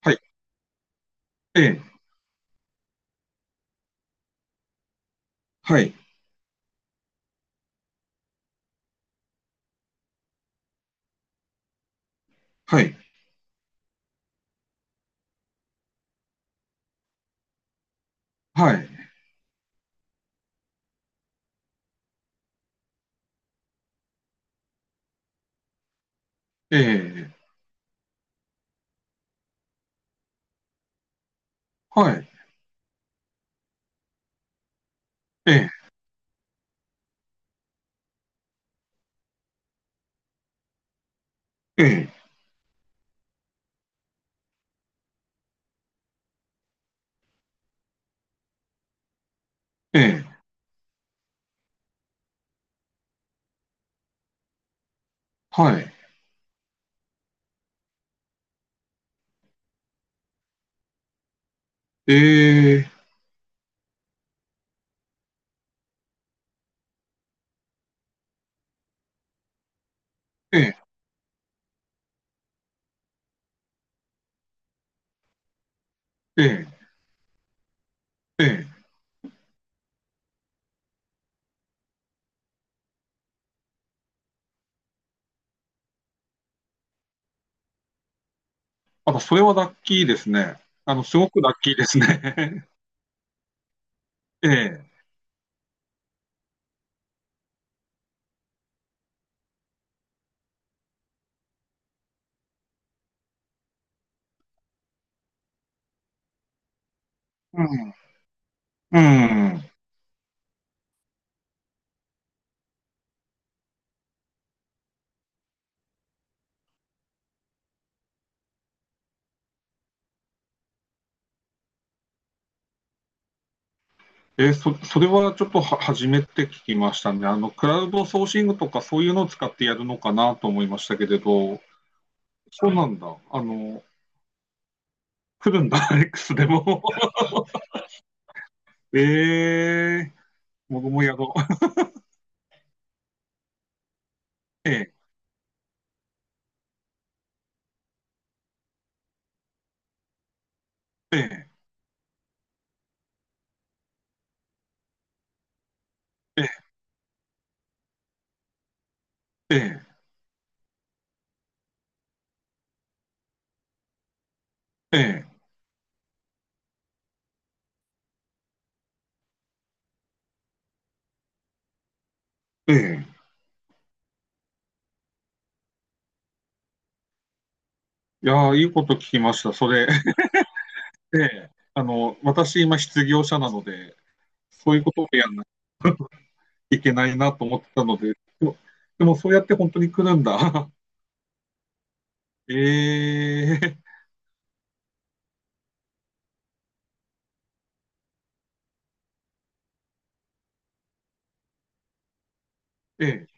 はい、ええ、はい、はい、はい、ええ、はい、ええ、ええ、ええ、はい、ええ、ええ、ええ、ええ。あ、それはラッキーですね。すごくラッキーですね。ええ、うん、うん。えー、それはちょっとは初めて聞きましたね。クラウドソーシングとかそういうのを使ってやるのかなと思いましたけれど、そうなんだ。来るんだ、X でも。ええ、僕もやろう。ええ、ええ、ええ、ええ。ええ、ええ。いやー、いいこと聞きました。それ、ええ。私、今、失業者なので、そういうことをやんないと いけないなと思ってたので、でも、でもそうやって本当に来るんだ。ええ、ええ。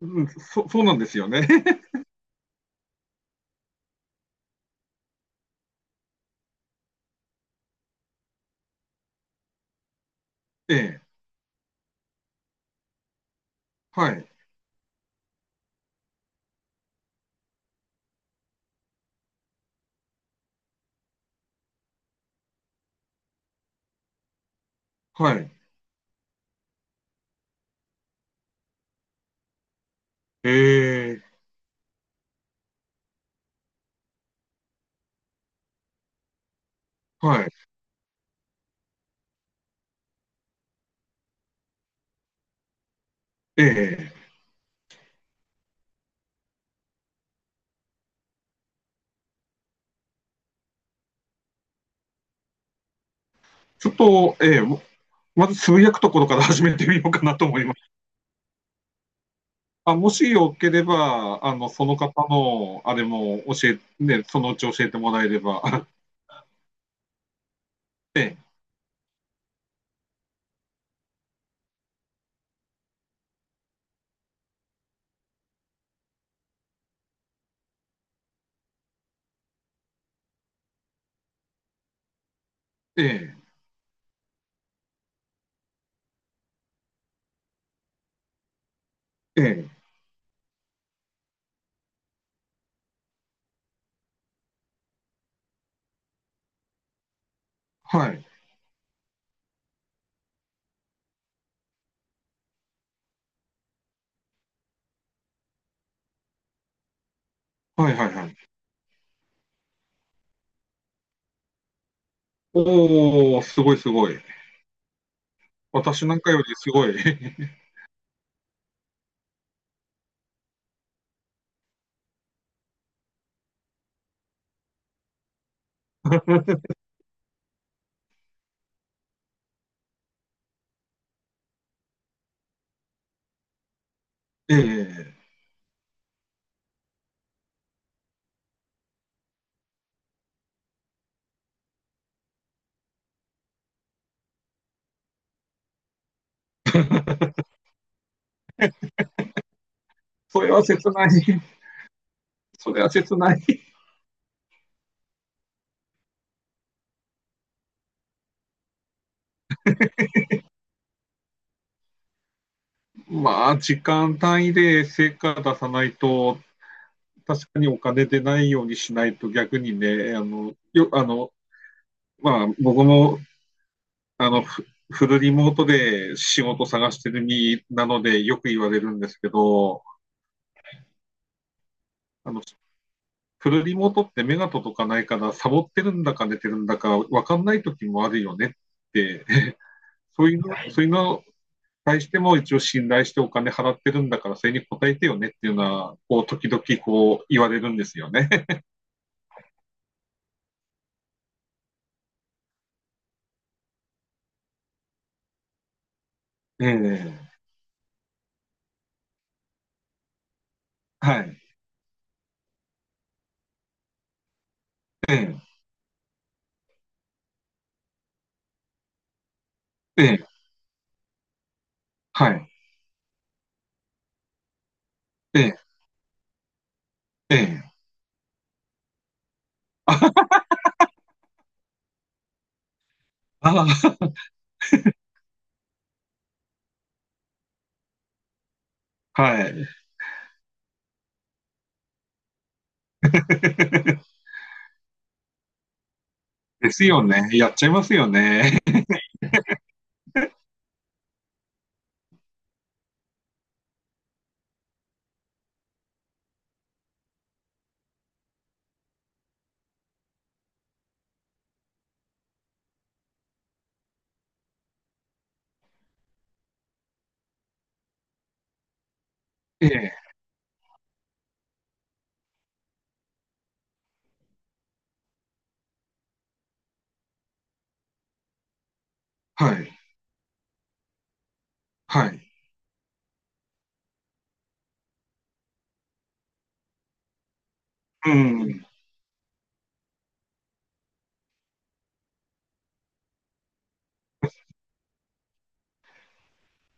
うん、そうなんですよね。ええ。はい、はい。ええ、はい。ええ。ちょっと、ええ、まずつぶやくところから始めてみようかなと思います。あ、もしよければ、その方の、あれも教え、ね、そのうち教えてもらえれば。ええ、ええ、ええ、はい。はいはいはい。おーすごいすごい。私なんかよりすごい。ええ。それは切ない。それは切ない。まあ、時間単位で成果出さないと、確かにお金出ないようにしないと逆にね、あの、よ、あの、まあ、僕もあの、フフルリモートで仕事探してる身なのでよく言われるんですけど、あの、フルリモートって目が届かないから、サボってるんだか寝てるんだか分かんない時もあるよねって、そういうのに対しても一応信頼してお金払ってるんだから、それに応えてよねっていうのは、こう、時々こう言われるんですよね。ええはい、えええーはい、ええええあ、あ、はい。ですよね。やっちゃいますよね。ええ、はい、はい。うん。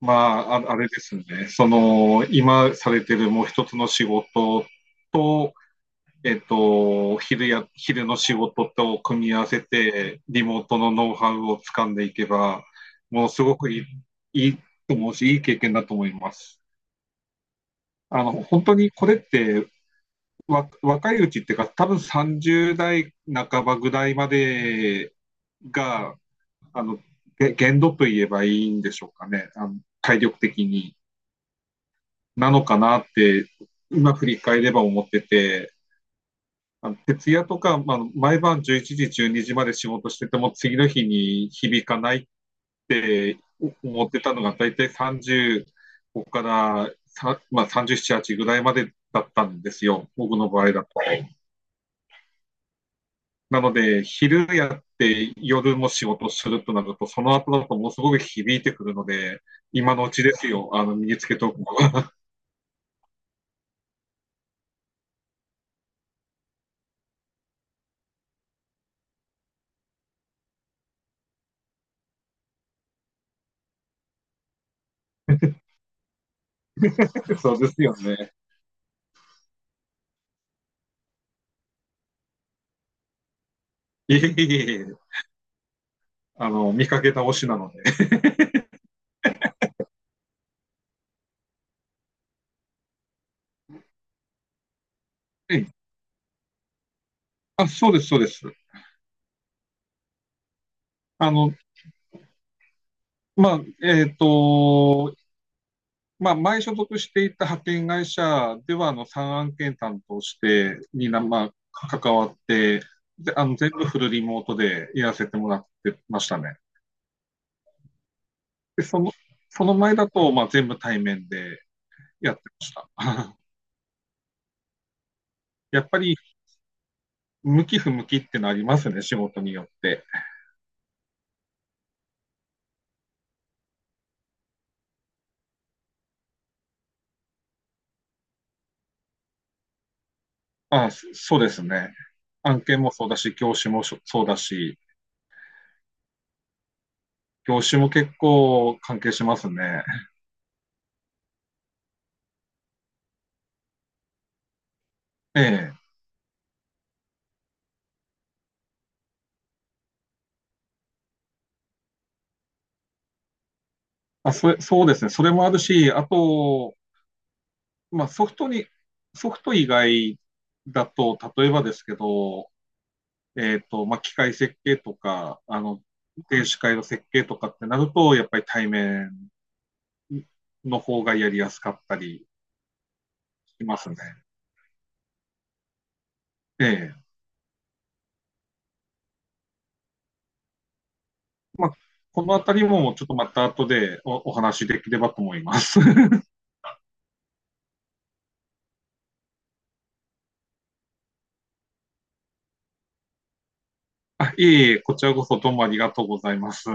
まあ、あれですね。その、今されてるもう一つの仕事と、昼の仕事と組み合わせて、リモートのノウハウを掴んでいけば、もうすごくいいと思うし、いい経験だと思います。本当にこれって、若いうちっていうか、多分30代半ばぐらいまでが、あの、限度と言えばいいんでしょうかね。体力的に。なのかなって、今振り返れば思ってて、徹夜とか、まあ、毎晩11時、12時まで仕事してても、次の日に響かないって思ってたのが、大体35から、まあ、37、8ぐらいまでだったんですよ。僕の場合だと。なので、昼やって夜も仕事するとなると、その後だとものすごく響いてくるので、今のうちですよ、身につけとくのは。そうですよね。いえいえいえ、見かけ倒しなので。あ、そうです、そうです。あの、まあ、えっと、まあ、前所属していた派遣会社では、3案件担当して、まあ、関わって、で、全部フルリモートでやらせてもらってましたね。で、その前だと、まあ、全部対面でやってました。やっぱり、向き不向きってのありますね、仕事によって。あ、そうですね。案件もそうだし、業種もそうだし、業種も結構関係しますね。ええ。あ、それ、そうですね。それもあるし、あと、まあ、ソフト以外だと、例えばですけど、まあ、機械設計とか、電子回路設計とかってなると、やっぱり対面の方がやりやすかったりしますね。ええまあ、このあたりもちょっとまた後でお話しできればと思います。あいえいえ、こちらこそどうもありがとうございます。